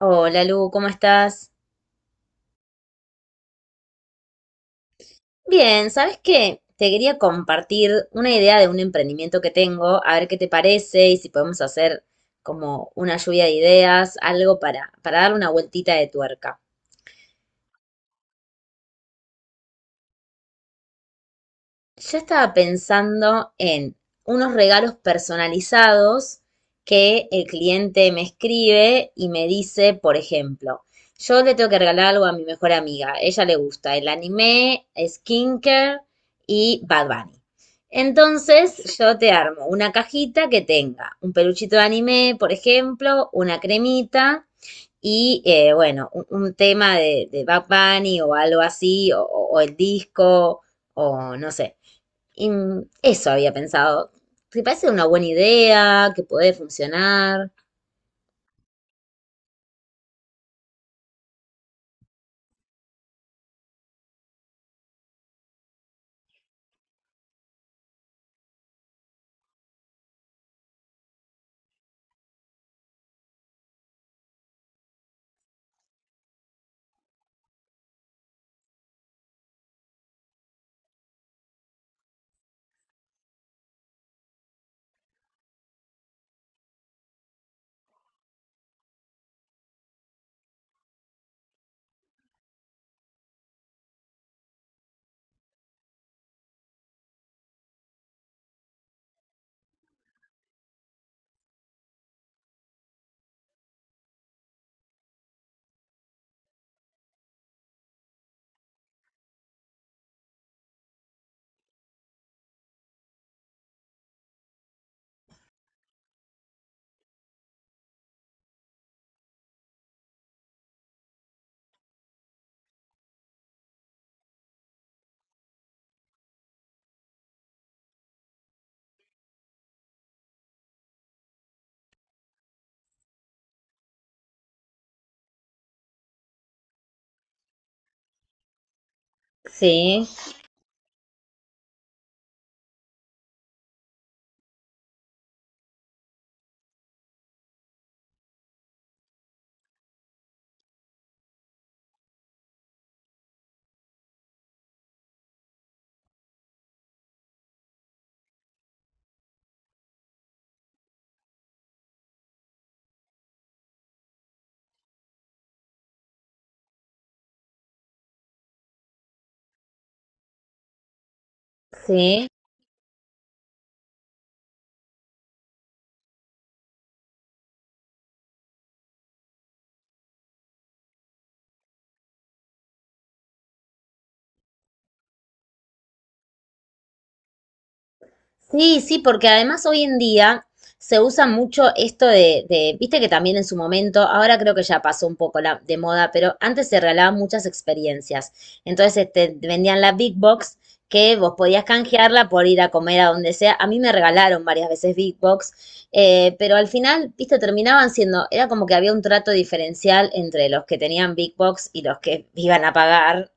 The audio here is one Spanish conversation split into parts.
Hola Lu, ¿cómo estás? Bien, ¿sabes qué? Te quería compartir una idea de un emprendimiento que tengo, a ver qué te parece y si podemos hacer como una lluvia de ideas, algo para darle una vueltita de tuerca. Yo estaba pensando en unos regalos personalizados que el cliente me escribe y me dice, por ejemplo, yo le tengo que regalar algo a mi mejor amiga. Ella le gusta el anime, skincare y Bad Bunny. Entonces, yo te armo una cajita que tenga un peluchito de anime, por ejemplo, una cremita y, bueno, un tema de Bad Bunny o algo así, o el disco, o no sé. Y eso había pensado. ¿Te parece una buena idea? ¿Que puede funcionar? Sí, sí. Sí, sí, porque además hoy en día se usa mucho esto viste que también en su momento, ahora creo que ya pasó un poco la, de moda, pero antes se regalaban muchas experiencias. Entonces este, te vendían la Big Box que vos podías canjearla por ir a comer a donde sea. A mí me regalaron varias veces Big Box, pero al final, viste, terminaban siendo, era como que había un trato diferencial entre los que tenían Big Box y los que iban a pagar.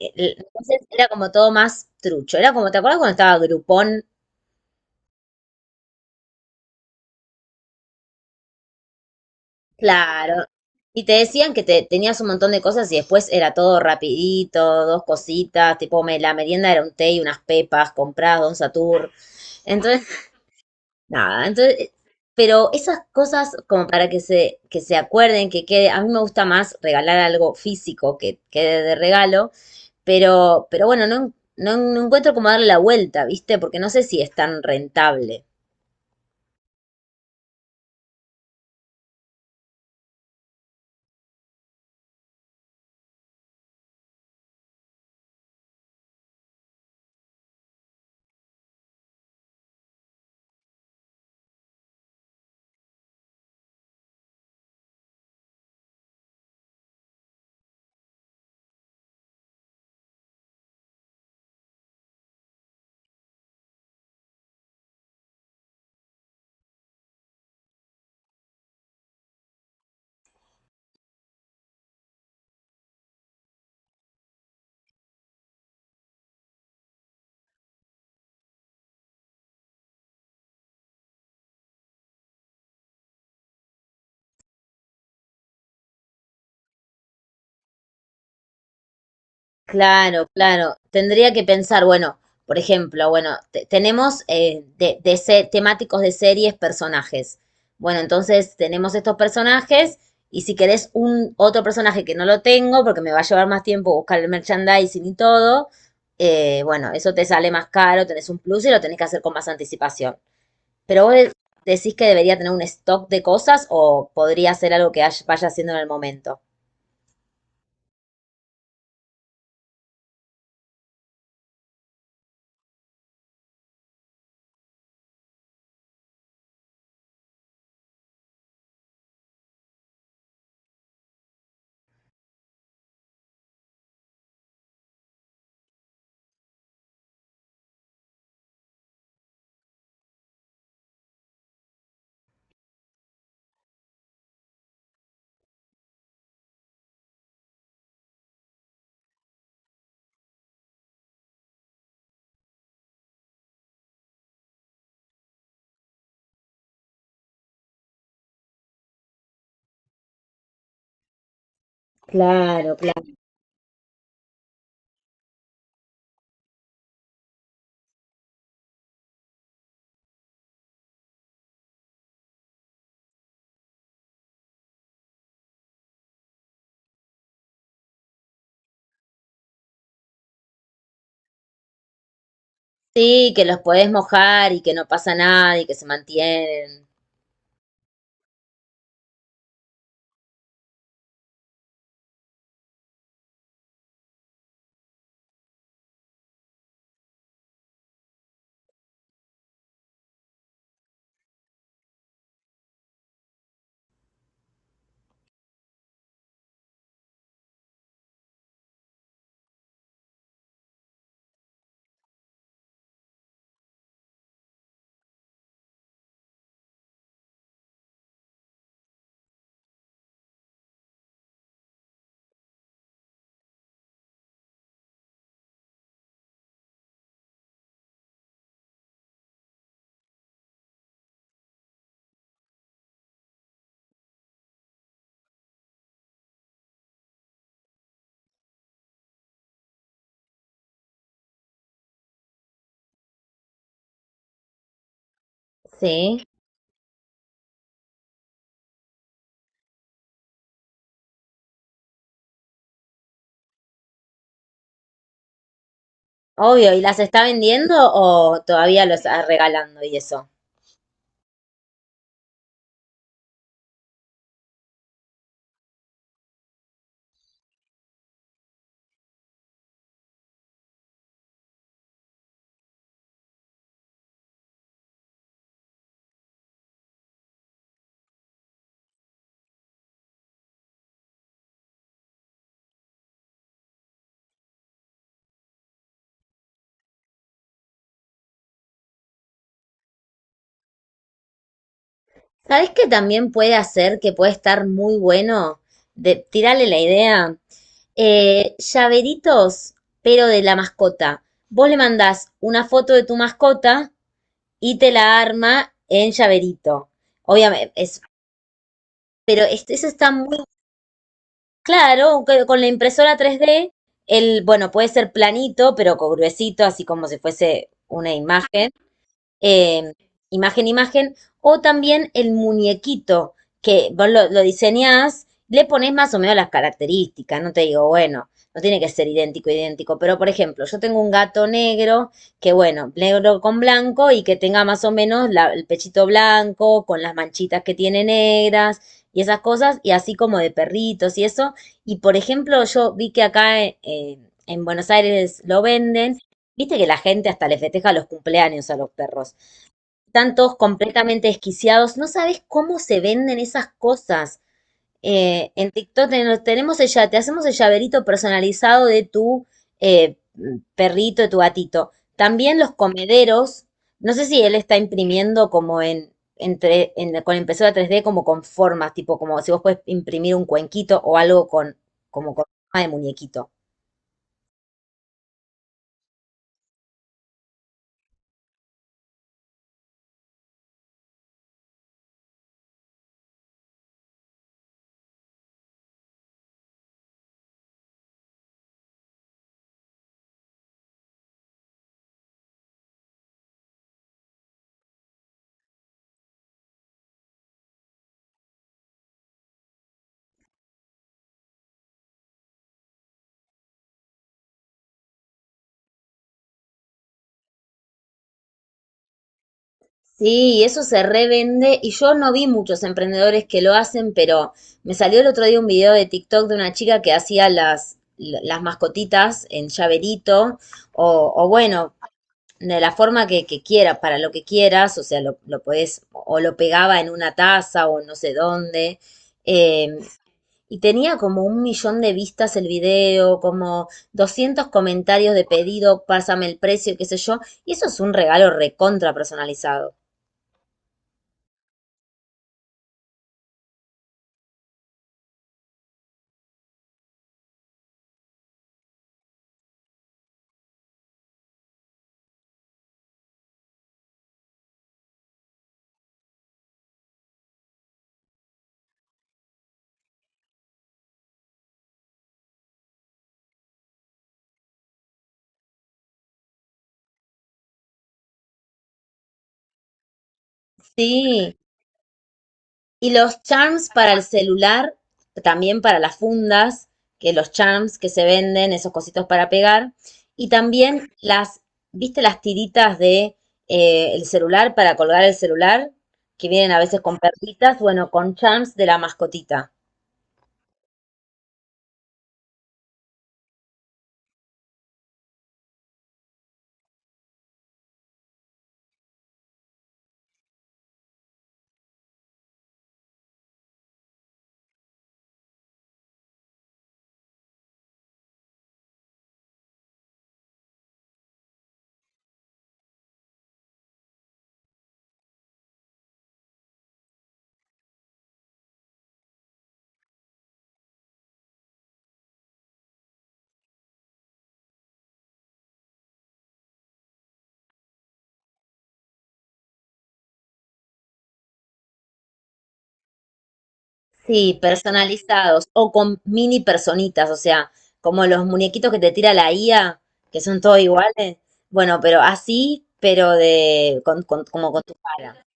Entonces era como todo más trucho. Era como, ¿te acuerdas cuando estaba Groupon? Claro. Y te decían que te, tenías un montón de cosas y después era todo rapidito, dos cositas, tipo me, la merienda era un té y unas pepas compradas, de un Satur. Entonces, nada, entonces, pero esas cosas como para que se acuerden, que quede, a mí me gusta más regalar algo físico que quede de regalo, pero bueno, no, no, no encuentro cómo darle la vuelta, ¿viste? Porque no sé si es tan rentable. Claro, claro. Tendría que pensar, bueno, por ejemplo, bueno, tenemos de, de temáticos de series, personajes. Bueno, entonces tenemos estos personajes y si querés un otro personaje que no lo tengo, porque me va a llevar más tiempo buscar el merchandising y todo, bueno, eso te sale más caro, tenés un plus y lo tenés que hacer con más anticipación. Pero vos decís que debería tener un stock de cosas o podría ser algo que vaya haciendo en el momento. Claro, claro. Sí, que los podés mojar y que no pasa nada y que se mantienen. Sí, obvio. ¿Y las está vendiendo o todavía los está regalando y eso? ¿Sabés qué también puede hacer que puede estar muy bueno? De, tirarle la idea. Llaveritos, pero de la mascota. Vos le mandás una foto de tu mascota y te la arma en llaverito. Obviamente, es, pero eso está muy claro, que con la impresora 3D, el, bueno, puede ser planito, pero gruesito, así como si fuese una imagen eh, imagen, imagen, o también el muñequito que vos lo diseñás, le pones más o menos las características, no te digo, bueno, no tiene que ser idéntico, idéntico, pero por ejemplo, yo tengo un gato negro, que bueno, negro con blanco y que tenga más o menos el pechito blanco, con las manchitas que tiene negras y esas cosas, y así como de perritos y eso. Y por ejemplo, yo vi que acá en Buenos Aires lo venden, viste que la gente hasta le festeja los cumpleaños a los perros están todos completamente desquiciados. No sabes cómo se venden esas cosas. En TikTok tenemos el, te hacemos el llaverito personalizado de tu eh, perrito, de tu gatito. También los comederos, no sé si él está imprimiendo como en, entre, con impresora 3D como con formas, tipo como si vos puedes imprimir un cuenquito o algo con, como con forma de muñequito. Sí, y eso se revende y yo no vi muchos emprendedores que lo hacen, pero me salió el otro día un video de TikTok de una chica que hacía las mascotitas en llaverito o bueno, de la forma que quieras, para lo que quieras, o sea, lo podés o lo pegaba en una taza o no sé dónde. Eh, y tenía como 1 millón de vistas el video, como 200 comentarios de pedido, pásame el precio, qué sé yo. Y eso es un regalo recontra personalizado. Sí, y los charms para el celular, también para las fundas, que los charms que se venden, esos cositos para pegar. Y también las, ¿viste las tiritas de el celular para colgar el celular? Que vienen a veces con perlitas, bueno, con charms de la mascotita. Sí, personalizados o con mini personitas, o sea, como los muñequitos que te tira la IA, que son todos iguales. Bueno, pero así, pero de como con tu cara.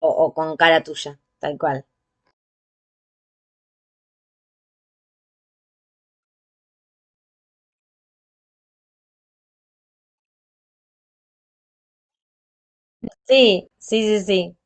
O, o con cara tuya, tal cual. Sí, sí, sí, sí.